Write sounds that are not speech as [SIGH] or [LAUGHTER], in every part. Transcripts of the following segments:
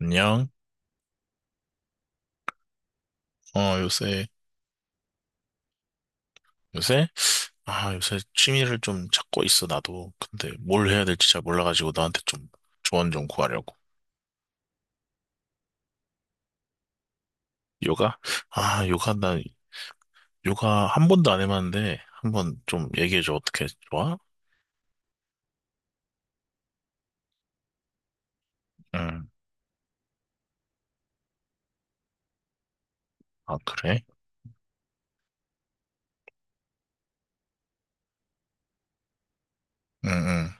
안녕. 어, 요새, 요새? 아, 요새 취미를 좀 찾고 있어, 나도. 근데 뭘 해야 될지 잘 몰라가지고 나한테 좀 조언 좀 구하려고. 요가? 아, 요가, 나 요가 한 번도 안 해봤는데, 한 번 좀 얘기해줘. 어떻게 좋아? 응. 아, 그래? 응, 응.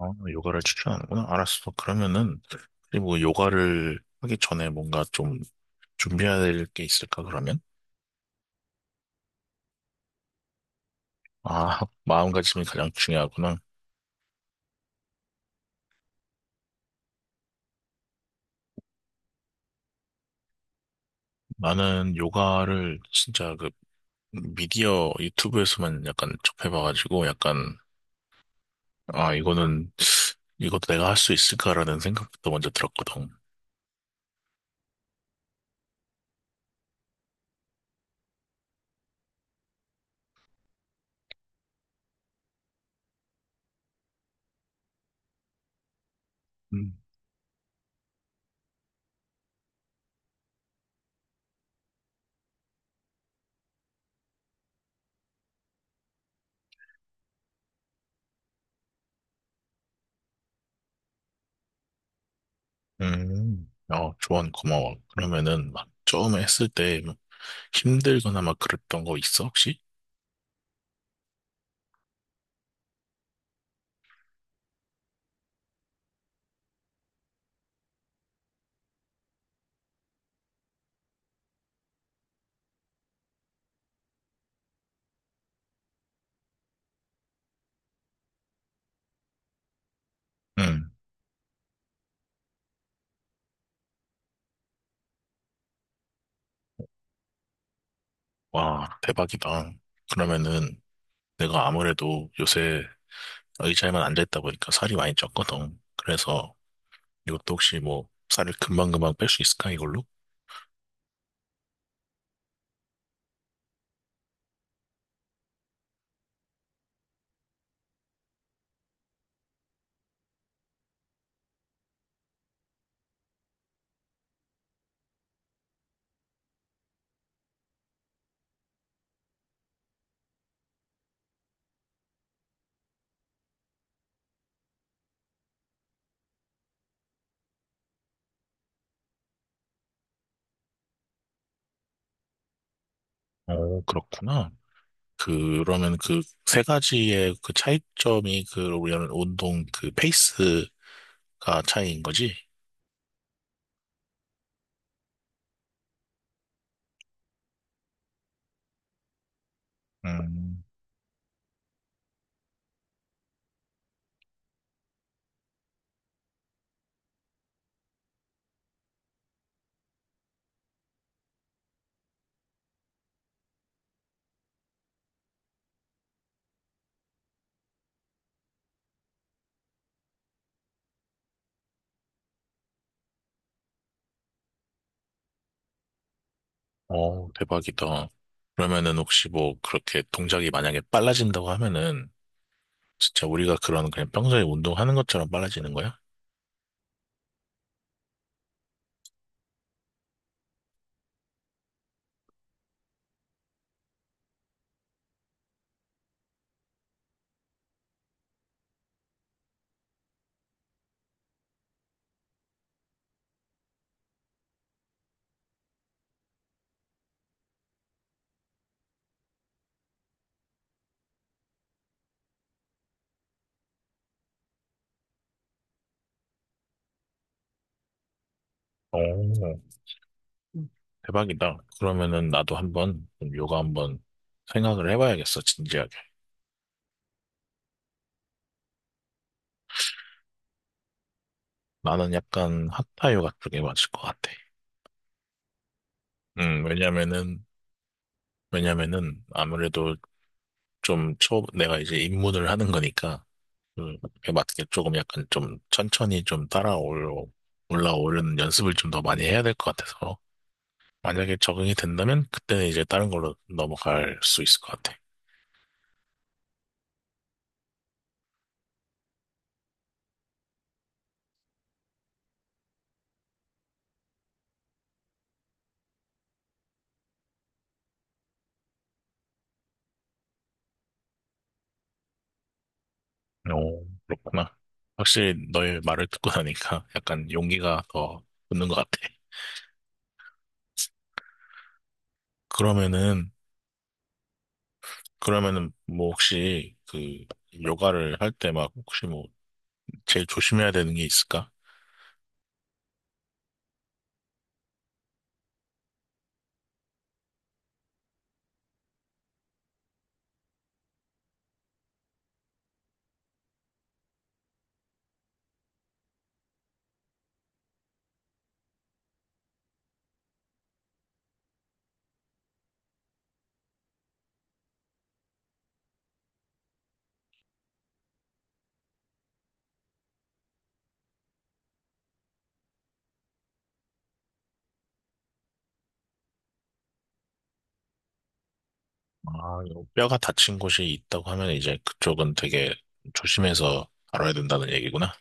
아, 요가를 추천하는구나. 알았어. 그러면은, 그리고 요가를 하기 전에 뭔가 좀 준비해야 될 게 있을까, 그러면? 아, [LAUGHS] 마음가짐이 가장 중요하구나. 나는 요가를 진짜 그 미디어 유튜브에서만 약간 접해봐가지고 약간 아 이거는 이것도 내가 할 수 있을까라는 생각부터 먼저 들었거든. 음. 음. 어, 조언 고마워. 그러면은 막 처음에 했을 때 뭐 힘들거나 막 그랬던 거 있어 혹시? 응. 와 대박이다. 그러면은 내가 아무래도 요새 의자에만 앉아있다 보니까 살이 많이 쪘거든. 그래서 이것도 혹시 뭐 살을 금방금방 뺄 수 있을까 이걸로? 어, 그렇구나. 그러면 그 세 가지의 그 차이점이 그 우리는 운동 그 페이스가 차이인 거지? 음, 어, 대박이다. 그러면은 혹시 뭐 그렇게 동작이 만약에 빨라진다고 하면은 진짜 우리가 그런 그냥 평소에 운동하는 것처럼 빨라지는 거야? 오, 대박이다. 그러면은 나도 한번 좀 요가 한번 생각을 해봐야겠어, 진지하게. 나는 약간 hatha 요가 쪽에 맞을 것 같아. 왜냐면은, 왜냐면은 아무래도 좀 초, 내가 이제 입문을 하는 거니까, 그에 맞게 조금 약간 좀 천천히 좀 따라올, 올라오는 연습을 좀 더 많이 해야 될 것 같아서. 만약에 적응이 된다면 그때는 이제 다른 걸로 넘어갈 수 있을 것 같아. 오, 그렇구나. 확실히 너의 말을 듣고 나니까 약간 용기가 더 붙는 것 같아. 그러면은, 그러면은 뭐 혹시 그 요가를 할 때 막 혹시 뭐 제일 조심해야 되는 게 있을까? 아, 요 뼈가 다친 곳이 있다고 하면 이제 그쪽은 되게 조심해서 다뤄야 된다는 얘기구나.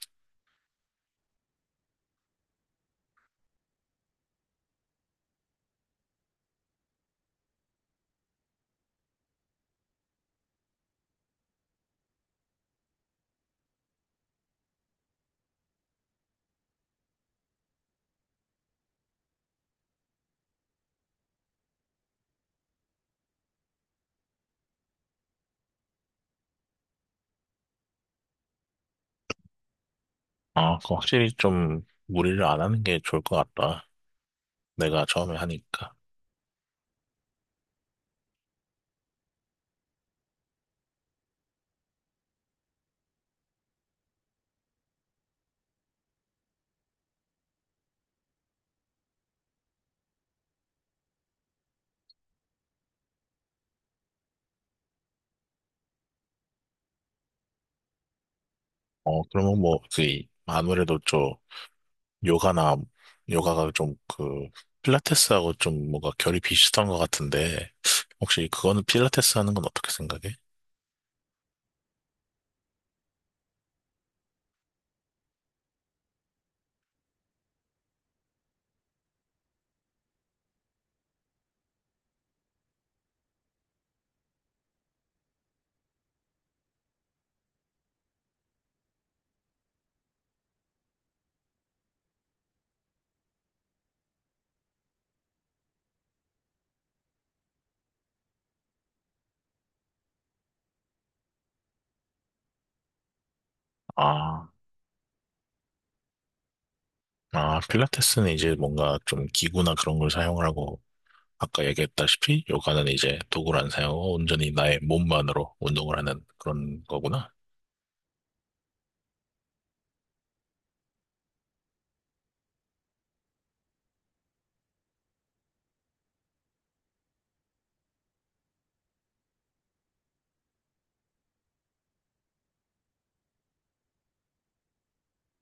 아, 그 확실히 좀 무리를 안 하는 게 좋을 것 같다. 내가 처음에 하니까. 어, 그러면 뭐, 그, 아무래도 좀 요가나, 요가가 좀 그, 필라테스하고 좀 뭔가 결이 비슷한 것 같은데, 혹시 그거는 필라테스 하는 건 어떻게 생각해? 아, 아, 필라테스는 이제 뭔가 좀 기구나 그런 걸 사용을 하고, 아까 얘기했다시피 요가는 이제 도구를 안 사용하고 온전히 나의 몸만으로 운동을 하는 그런 거구나.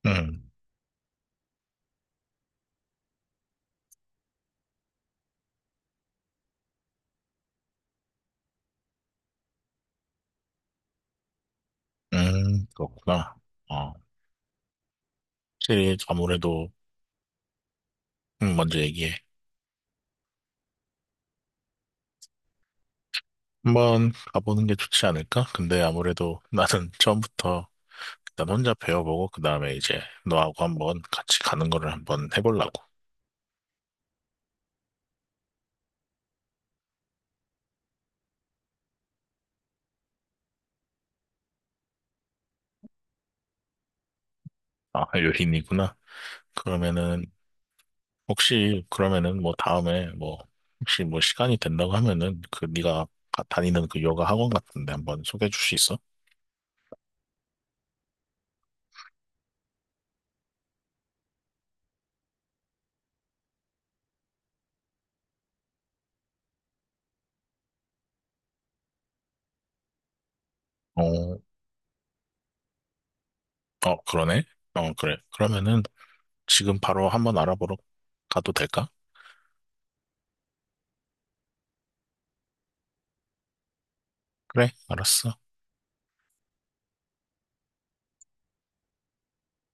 음, 그렇구나. 어, 확실히 아무래도, 먼저 얘기해. 한번 가보는 게 좋지 않을까? 근데 아무래도 나는 [LAUGHS] 처음부터 일단 혼자 배워보고 그 다음에 이제 너하고 한번 같이 가는 거를 한번 해보려고. 아, 요린이구나. 그러면은 혹시 그러면은 뭐 다음에 뭐 혹시 뭐 시간이 된다고 하면은 그 네가 다니는 그 요가 학원 같은데 한번 소개해 줄 수 있어? 어, 어, 그러네. 어, 그래. 그러면은 지금 바로 한번 알아보러 가도 될까? 그래, 알았어.